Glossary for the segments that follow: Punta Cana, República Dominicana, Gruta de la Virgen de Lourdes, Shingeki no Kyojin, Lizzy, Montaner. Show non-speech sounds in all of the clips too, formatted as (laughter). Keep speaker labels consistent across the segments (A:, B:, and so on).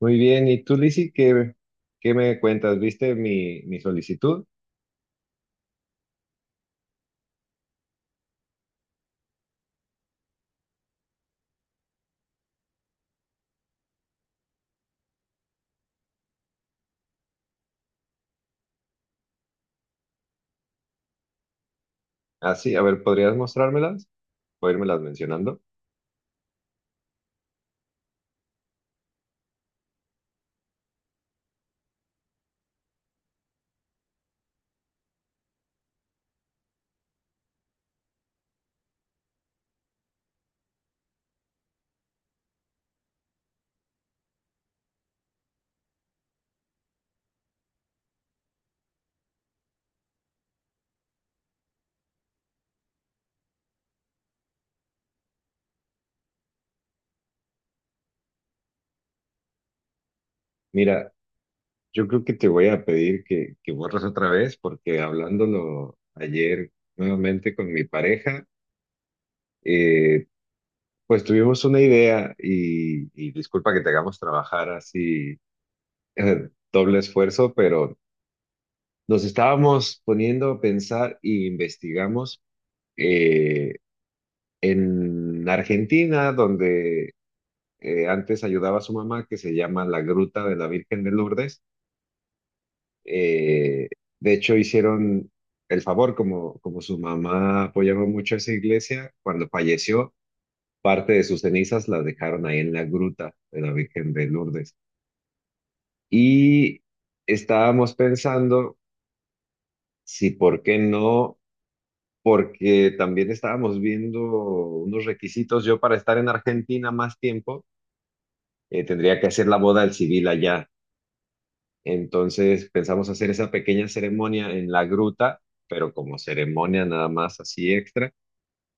A: Muy bien, ¿y tú, Lizzy, qué me cuentas? ¿Viste mi solicitud? Ah, sí, a ver, ¿podrías mostrármelas o írmelas mencionando? Mira, yo creo que te voy a pedir que borres otra vez porque hablándolo ayer nuevamente con mi pareja, eh, pues tuvimos una idea y disculpa que te hagamos trabajar así, doble esfuerzo, pero nos estábamos poniendo a pensar y investigamos. eh, en Argentina, donde antes ayudaba a su mamá, que se llama la Gruta de la Virgen de Lourdes. Eh, de hecho, hicieron el favor, como su mamá apoyaba mucho a esa iglesia, cuando falleció, parte de sus cenizas las dejaron ahí en la Gruta de la Virgen de Lourdes. Y estábamos pensando si, ¿por qué no? Porque también estábamos viendo unos requisitos yo para estar en Argentina más tiempo tendría que hacer la boda al civil allá. Entonces pensamos hacer esa pequeña ceremonia en la gruta, pero como ceremonia nada más así extra,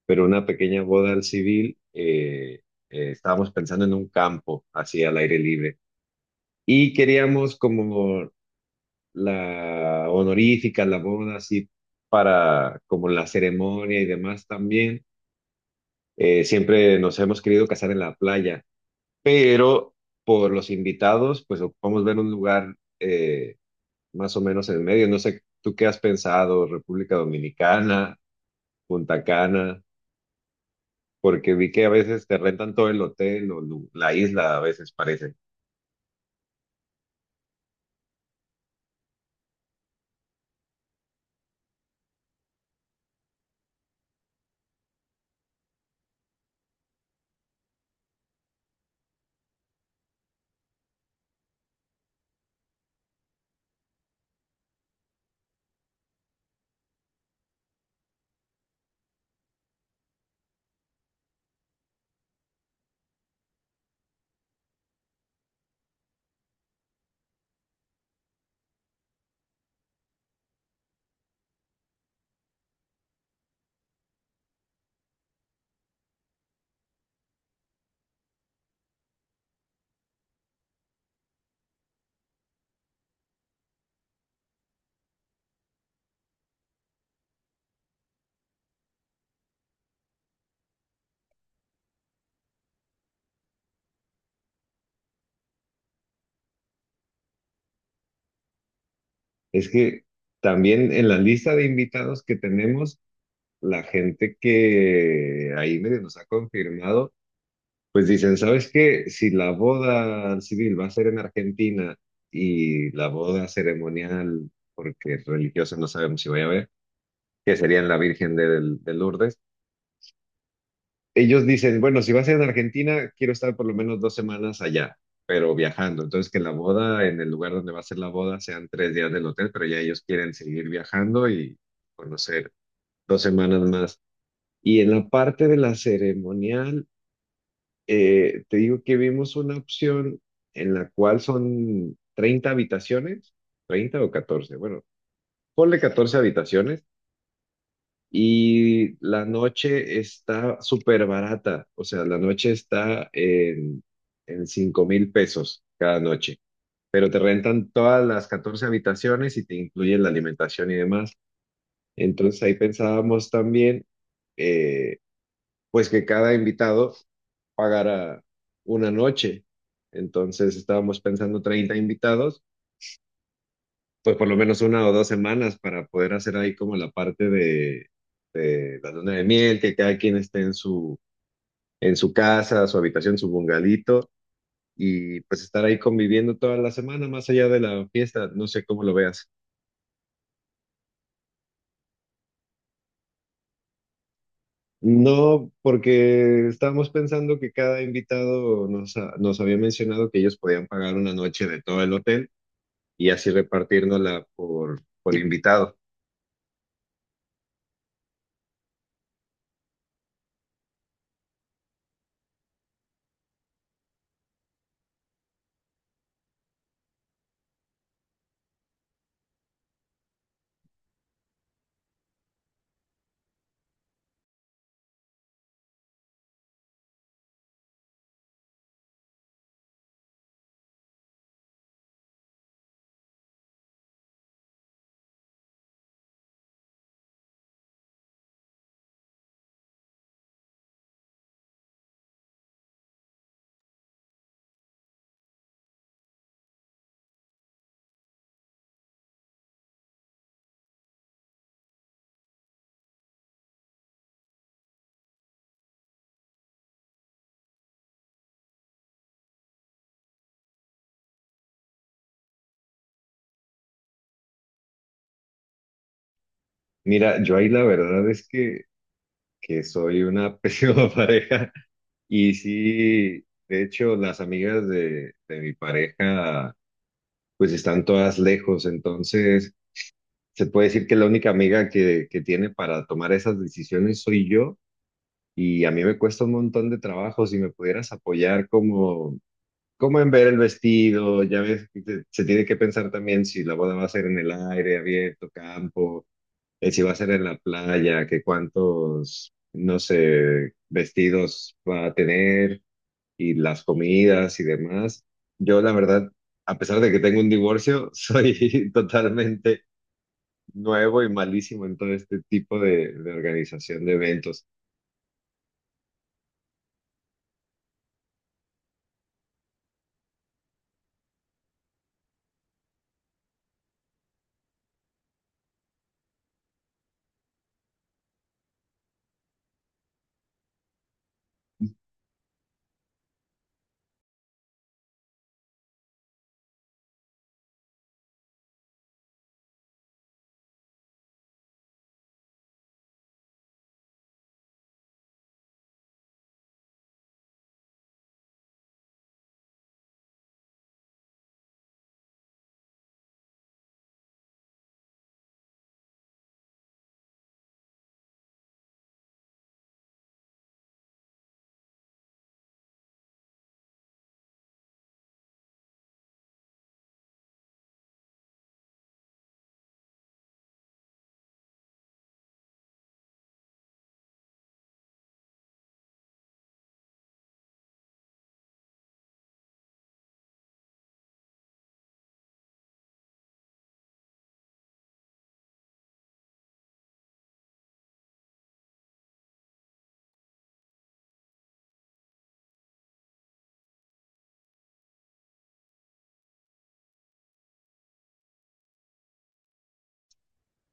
A: pero una pequeña boda al civil, estábamos pensando en un campo, así al aire libre. Y queríamos como la honorífica, la boda así para como la ceremonia y demás también. Siempre nos hemos querido casar en la playa, pero por los invitados, pues ocupamos ver un lugar más o menos en el medio. No sé, ¿tú qué has pensado? República Dominicana, Punta Cana, porque vi que a veces te rentan todo el hotel o la isla, a veces parece. Es que también en la lista de invitados que tenemos, la gente que ahí medio nos ha confirmado, pues dicen, ¿sabes qué? Si la boda civil va a ser en Argentina y la boda ceremonial, porque religiosa no sabemos si voy a ver, que sería en la Virgen de Lourdes, ellos dicen, bueno, si va a ser en Argentina, quiero estar por lo menos 2 semanas allá, pero viajando. Entonces, que la boda, en el lugar donde va a ser la boda, sean 3 días del hotel, pero ya ellos quieren seguir viajando y conocer 2 semanas más. Y en la parte de la ceremonial, te digo que vimos una opción en la cual son 30 habitaciones, 30 o 14. Bueno, ponle 14 habitaciones. Y la noche está súper barata, o sea, la noche está en 5,000 pesos cada noche, pero te rentan todas las 14 habitaciones y te incluyen la alimentación y demás. Entonces ahí pensábamos también, eh, pues que cada invitado pagara una noche. Entonces estábamos pensando 30 invitados pues por lo menos una o dos semanas para poder hacer ahí como la parte de, la luna de miel, que cada quien esté en su casa, su habitación, su bungalito, y pues estar ahí conviviendo toda la semana, más allá de la fiesta, no sé cómo lo veas. No, porque estábamos pensando que cada invitado nos había mencionado que ellos podían pagar una noche de todo el hotel y así repartirnosla por invitado. Mira, yo ahí la verdad es que soy una (laughs) pésima pareja. Y sí, de hecho, las amigas de mi pareja, pues están todas lejos, entonces se puede decir que la única amiga que tiene para tomar esas decisiones soy yo, y a mí me cuesta un montón de trabajo si me pudieras apoyar como en ver el vestido, ya ves, que se tiene que pensar también si la boda va a ser en el aire, abierto, campo, si va a ser en la playa, que cuántos, no sé, vestidos va a tener y las comidas y demás. Yo, la verdad, a pesar de que tengo un divorcio, soy (laughs) totalmente nuevo y malísimo en todo este tipo de organización de eventos.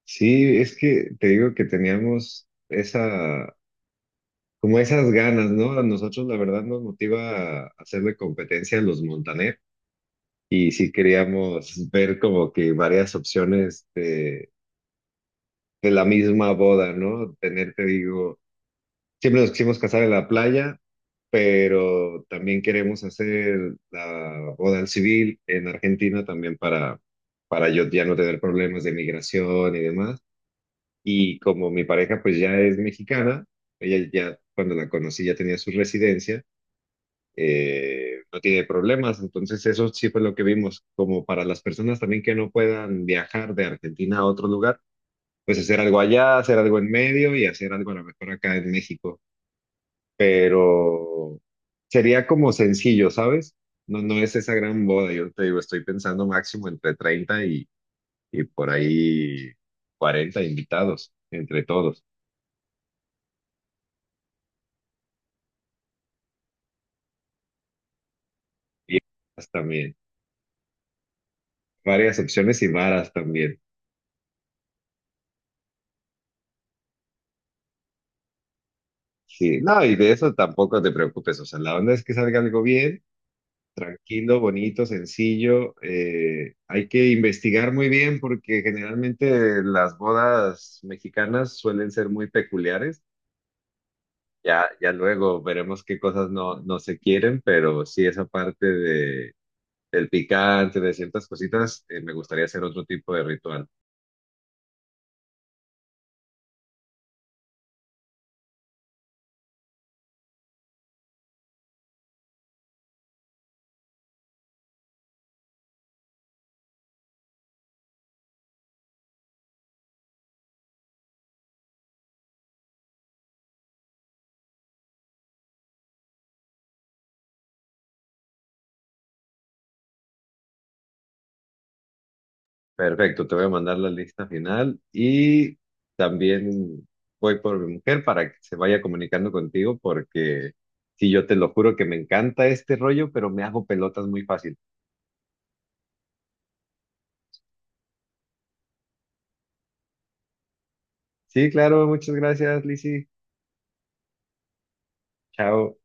A: Sí, es que te digo que teníamos como esas ganas, ¿no? A nosotros, la verdad, nos motiva a hacerle competencia a los Montaner y sí queríamos ver como que varias opciones de la misma boda, ¿no? Tener, te digo. Siempre nos quisimos casar en la playa, pero también queremos hacer la boda al civil en Argentina también para yo ya no tener problemas de migración y demás. Y como mi pareja pues ya es mexicana, ella ya cuando la conocí ya tenía su residencia, no tiene problemas. Entonces eso sí fue lo que vimos, como para las personas también que no puedan viajar de Argentina a otro lugar, pues hacer algo allá, hacer algo en medio y hacer algo a lo mejor acá en México, pero sería como sencillo, ¿sabes? No, no es esa gran boda, yo te digo, estoy pensando máximo entre 30 y por ahí 40 invitados, entre todos, y varas también, varias opciones y varas también. Sí, no, y de eso tampoco te preocupes, o sea, la onda es que salga algo bien, tranquilo, bonito, sencillo, hay que investigar muy bien porque generalmente las bodas mexicanas suelen ser muy peculiares. Ya, ya luego veremos qué cosas no, no se quieren, pero sí esa parte del picante, de ciertas cositas, me gustaría hacer otro tipo de ritual. Perfecto, te voy a mandar la lista final y también voy por mi mujer para que se vaya comunicando contigo porque sí, yo te lo juro que me encanta este rollo, pero me hago pelotas muy fácil. Sí, claro, muchas gracias, Lizzy. Chao.